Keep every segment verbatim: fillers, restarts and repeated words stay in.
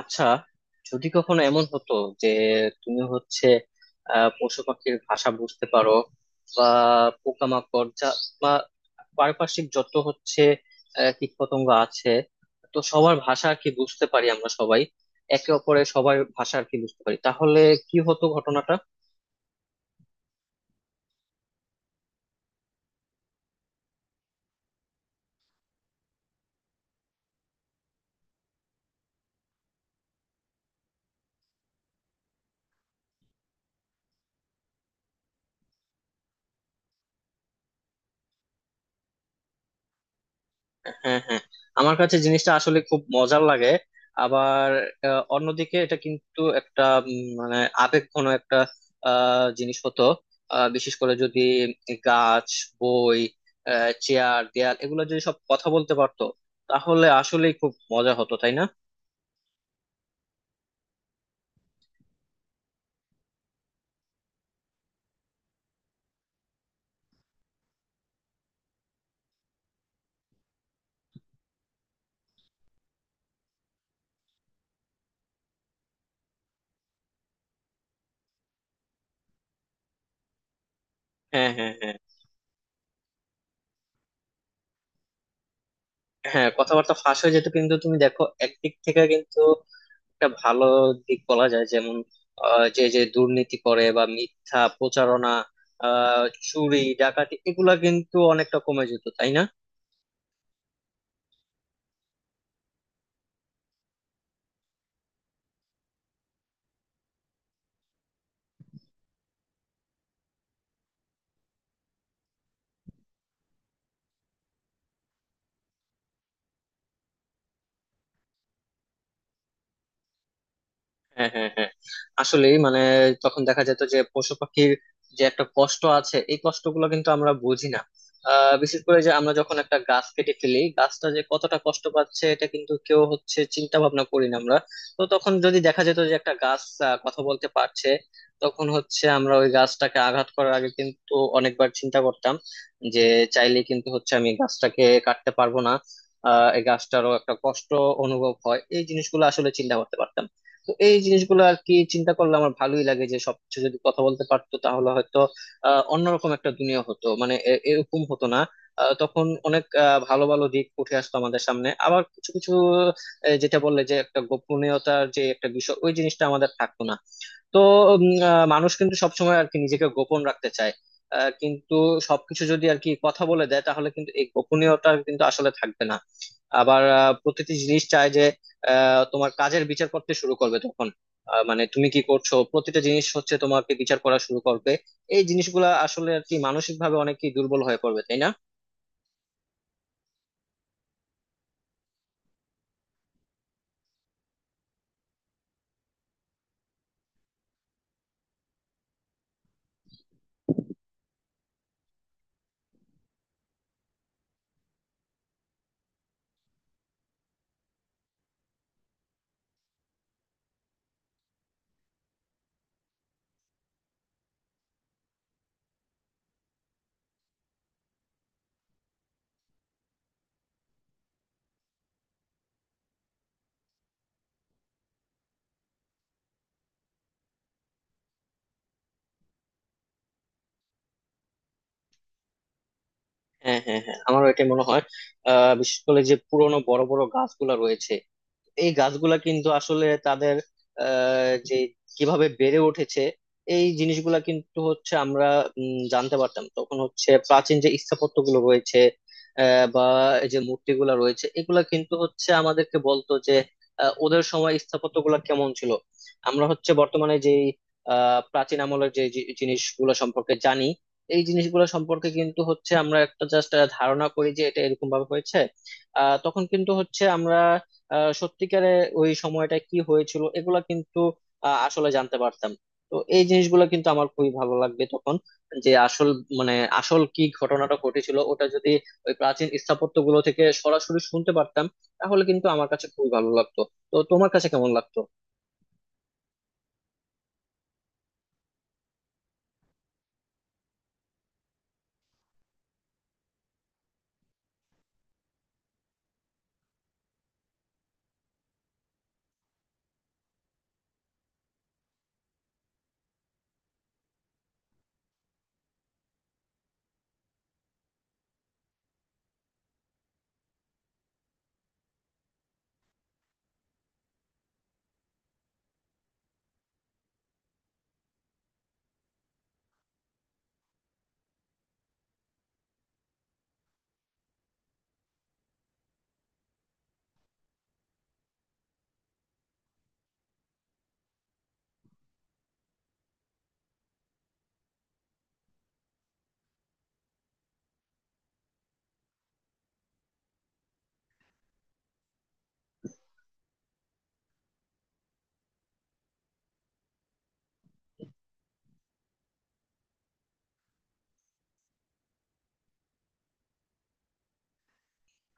আচ্ছা, যদি কখনো এমন হতো যে তুমি হচ্ছে আহ পশু পাখির ভাষা বুঝতে পারো, বা পোকামাকড় যা, বা পারিপার্শ্বিক যত হচ্ছে আহ, কীটপতঙ্গ আছে। তো সবার ভাষা আর কি বুঝতে পারি, আমরা সবাই একে অপরের সবার ভাষা আর কি বুঝতে পারি, তাহলে কি হতো ঘটনাটা? হ্যাঁ, হ্যাঁ, আমার কাছে জিনিসটা আসলে খুব মজার লাগে। আবার আহ, অন্যদিকে এটা কিন্তু একটা উম, মানে আবেগঘন একটা আহ, জিনিস হতো। আহ, বিশেষ করে যদি গাছ, বই, চেয়ার, দেয়াল এগুলো যদি সব কথা বলতে পারতো, তাহলে আসলেই খুব মজা হতো, তাই না? হ্যাঁ, হ্যাঁ, হ্যাঁ, হ্যাঁ, কথাবার্তা ফাঁস হয়ে যেত কিন্তু তুমি দেখো একদিক থেকে কিন্তু একটা ভালো দিক বলা যায়, যেমন আহ, যে যে দুর্নীতি করে বা মিথ্যা প্রচারণা, আহ চুরি ডাকাতি, এগুলা কিন্তু অনেকটা কমে যেত, তাই না? হ্যাঁ, হ্যাঁ, হ্যাঁ, আসলে মানে তখন দেখা যেত যে পশু পাখির যে একটা কষ্ট আছে, এই কষ্টগুলো কিন্তু আমরা বুঝি না। আহ, বিশেষ করে যে আমরা যখন একটা গাছ কেটে ফেলি, গাছটা যে কতটা কষ্ট পাচ্ছে এটা কিন্তু কেউ হচ্ছে চিন্তা ভাবনা করি না আমরা। তো তখন যদি দেখা যেত যে একটা গাছ আহ, কথা বলতে পারছে, তখন হচ্ছে আমরা ওই গাছটাকে আঘাত করার আগে কিন্তু অনেকবার চিন্তা করতাম, যে চাইলে কিন্তু হচ্ছে আমি গাছটাকে কাটতে পারবো না, আহ এই গাছটারও একটা কষ্ট অনুভব হয়, এই জিনিসগুলো আসলে চিন্তা করতে পারতাম না। তো এই জিনিসগুলো আর কি চিন্তা করলে আমার ভালোই লাগে, যে সবকিছু যদি কথা বলতে পারতো তাহলে হয়তো আহ, অন্যরকম একটা দুনিয়া হতো, মানে এ- এরকম হতো না। আহ, তখন অনেক আহ, ভালো ভালো দিক উঠে আসতো আমাদের সামনে, আবার কিছু কিছু আহ, যেটা বললে যে একটা গোপনীয়তার যে একটা বিষয় ওই জিনিসটা আমাদের থাকতো না। তো উম, আহ, মানুষ কিন্তু সবসময় আর কি নিজেকে গোপন রাখতে চায়। আহ, কিন্তু সবকিছু যদি আর কি কথা বলে দেয় তাহলে কিন্তু এই গোপনীয়তা কিন্তু আসলে থাকবে না। আবার আহ, প্রতিটি জিনিস চায় যে আহ তোমার কাজের বিচার করতে শুরু করবে তখন। আহ, মানে তুমি কি করছো, প্রতিটা জিনিস হচ্ছে তোমাকে বিচার করা শুরু করবে। এই জিনিসগুলা আসলে আর কি মানসিক ভাবে অনেকেই দুর্বল হয়ে পড়বে, তাই না? হ্যাঁ, হ্যাঁ, হ্যাঁ, আমারও এটা মনে হয়। আহ বিশেষ করে যে পুরোনো বড় বড় গাছগুলা রয়েছে, এই গাছগুলা কিন্তু আসলে তাদের আহ যে কিভাবে বেড়ে উঠেছে এই জিনিসগুলা কিন্তু হচ্ছে আমরা উম, জানতে পারতাম। তখন হচ্ছে প্রাচীন যে স্থাপত্য গুলো রয়েছে আহ, বা এই যে মূর্তিগুলা রয়েছে এগুলা কিন্তু হচ্ছে আমাদেরকে বলতো যে আহ, ওদের সময় স্থাপত্য গুলা কেমন ছিল। আমরা হচ্ছে বর্তমানে যে আহ প্রাচীন আমলের যে জি- জিনিসগুলো সম্পর্কে জানি, এই জিনিসগুলো সম্পর্কে কিন্তু হচ্ছে আমরা একটা জাস্ট ধারণা করি যে এটা এরকম ভাবে হয়েছে। আহ তখন কিন্তু হচ্ছে আমরা আহ সত্যিকারে ওই সময়টা কি হয়েছিল এগুলা কিন্তু আহ, আসলে জানতে পারতাম। তো এই জিনিসগুলো কিন্তু আমার খুবই ভালো লাগবে তখন, যে আসল মানে আসল কি ঘটনাটা ঘটেছিল ওটা যদি ওই প্রাচীন স্থাপত্য গুলো থেকে সরাসরি শুনতে পারতাম তাহলে কিন্তু আমার কাছে খুবই ভালো লাগতো। তো তোমার কাছে কেমন লাগতো?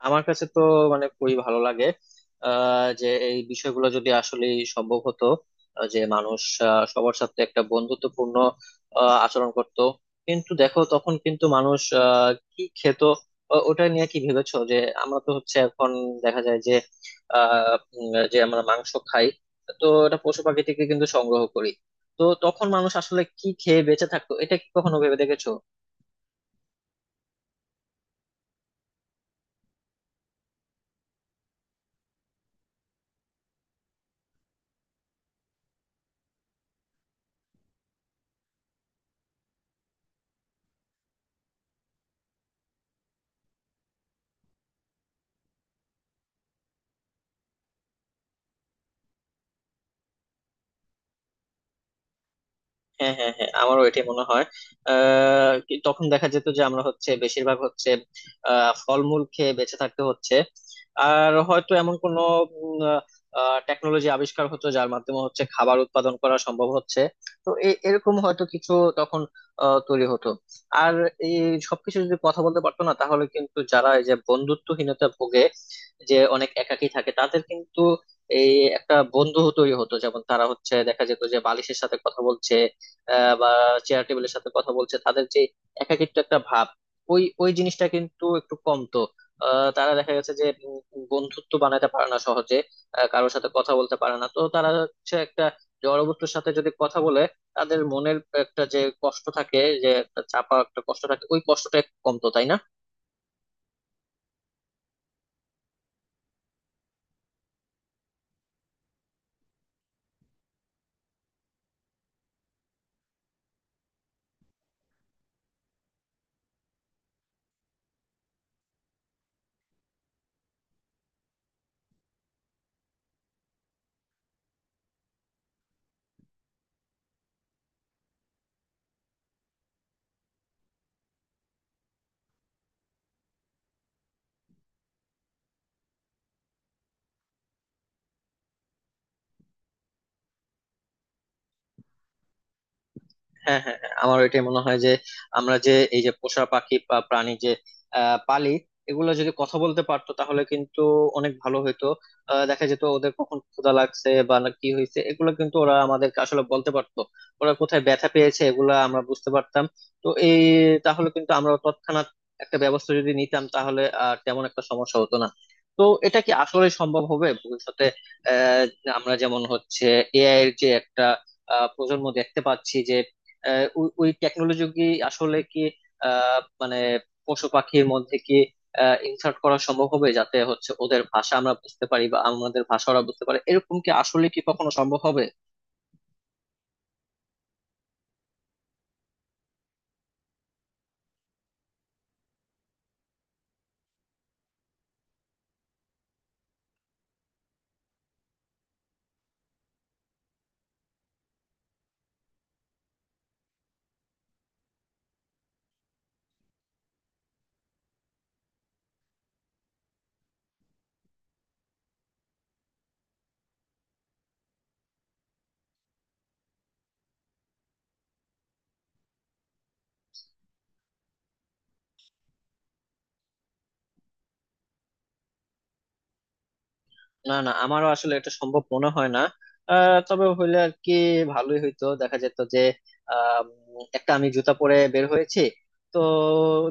আমার কাছে তো মানে খুবই ভালো লাগে, আহ, যে এই বিষয়গুলো যদি আসলে সম্ভব হতো, আহ, যে মানুষ আহ, সবার সাথে একটা বন্ধুত্বপূর্ণ আহ, আচরণ করত। কিন্তু দেখো তখন কিন্তু মানুষ আহ, কি খেত, ও- ওটা নিয়ে কি ভেবেছো, যে আমরা তো হচ্ছে এখন দেখা যায় যে আহ উম, যে আমরা মাংস খাই। তো এটা পশু পাখি থেকে কিন্তু সংগ্রহ করি। তো তখন মানুষ আসলে কি খেয়ে বেঁচে থাকতো, এটা কি কখনো ভেবে দেখেছো? হ্যাঁ, হ্যাঁ, হ্যাঁ, আমারও এটাই মনে হয়। আহ কি- তখন দেখা যেত যে আমরা হচ্ছে বেশিরভাগ হচ্ছে আহ ফলমূল খেয়ে বেঁচে থাকতে হচ্ছে। আর হয়তো এমন কোনো টেকনোলজি আবিষ্কার হতো যার মাধ্যমে হচ্ছে খাবার উৎপাদন করা সম্ভব হচ্ছে। তো এ- এরকম হয়তো কিছু তখন আহ, তৈরি হতো। আর এই সবকিছু যদি কথা বলতে পারতো না তাহলে কিন্তু যারা এই যে বন্ধুত্বহীনতা ভোগে, যে অনেক একাকী থাকে, তাদের কিন্তু এই একটা বন্ধু তৈরি হতো, যেমন তারা হচ্ছে দেখা যেত যে বালিশের সাথে কথা বলছে, আহ, বা চেয়ার টেবিলের সাথে কথা বলছে। তাদের যে একাকিত্ব একটা ভাব, ওই ওই জিনিসটা কিন্তু একটু কমতো। আহ, তারা দেখা গেছে যে উম, বন্ধুত্ব বানাতে পারে না সহজে, আহ, কারোর সাথে কথা বলতে পারে না, তো তারা হচ্ছে একটা জড়বস্তুর সাথে যদি কথা বলে, তাদের মনের একটা যে কষ্ট থাকে, যে একটা চাপা একটা কষ্ট থাকে, ওই কষ্টটা একটু কমতো, তাই না? হ্যাঁ, হ্যাঁ, হ্যাঁ, আমার এটাই মনে হয় যে আমরা যে এই যে পোষা পাখি বা প্রাণী যে আহ, পালি, এগুলো যদি কথা বলতে পারতো তাহলে কিন্তু অনেক ভালো হইতো। আহ, দেখা যেত ওদের কখন ক্ষুধা লাগছে বা না কি হয়েছে, এগুলো কিন্তু ওরা আমাদেরকে আসলে বলতে পারতো। ওরা কোথায় ব্যথা পেয়েছে, এগুলো আমরা বুঝতে পারতাম। তো এই তাহলে কিন্তু আমরা তৎক্ষণাৎ একটা ব্যবস্থা যদি নিতাম তাহলে আর তেমন একটা সমস্যা হতো না। তো এটা কি আসলে সম্ভব হবে ভবিষ্যতে? আহ আমরা যেমন হচ্ছে এ আই এর যে একটা আহ প্রজন্ম দেখতে পাচ্ছি যে আহ, ওই ওই টেকনোলজি কি আসলে কি, আহ, মানে পশু পাখির মধ্যে কি ইনসার্ট করা সম্ভব হবে, যাতে হচ্ছে ওদের ভাষা আমরা বুঝতে পারি বা আমাদের ভাষা ওরা বুঝতে পারে, এরকম কি আসলে কি কখনো সম্ভব হবে? না, না, আমারও আসলে এটা সম্ভব মনে হয় না। আহ, তবে হইলে আর কি ভালোই হইতো, দেখা যেত যে আহ, উম, একটা আমি জুতা পরে বের হয়েছি। তো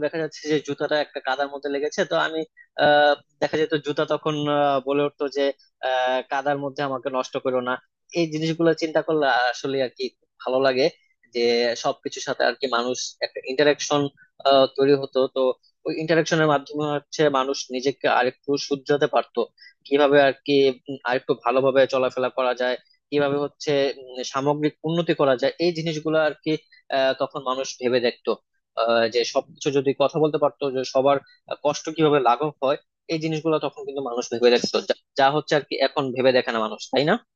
দেখা যাচ্ছে যে জুতাটা একটা কাদার মধ্যে লেগেছে, তো আমি আহ, দেখা যেত জুতা তখন আহ, বলে উঠতো যে আহ, কাদার মধ্যে আমাকে নষ্ট করো না। এই জিনিসগুলো চিন্তা করলে আসলে আর কি ভালো লাগে, যে সবকিছুর সাথে আর কি মানুষ একটা ইন্টারাকশন তৈরি হতো। তো ওই ইন্টারাকশনের মাধ্যমে হচ্ছে মানুষ নিজেকে আরেকটু শুধরাতে পারতো, কিভাবে আর কি আর একটু ভালোভাবে চলাফেরা করা যায়, কিভাবে হচ্ছে উম, সামগ্রিক উন্নতি করা যায়, এই জিনিসগুলো আর কি। আহ, তখন মানুষ ভেবে দেখতো, আহ, যে সবকিছু যদি কথা বলতে পারতো যে সবার কষ্ট কিভাবে লাঘব হয়। এই জিনিসগুলো তখন কিন্তু মানুষ ভেবে দেখতো, যা যা হচ্ছে আর কি এখন ভেবে দেখে না মানুষ, তাই না?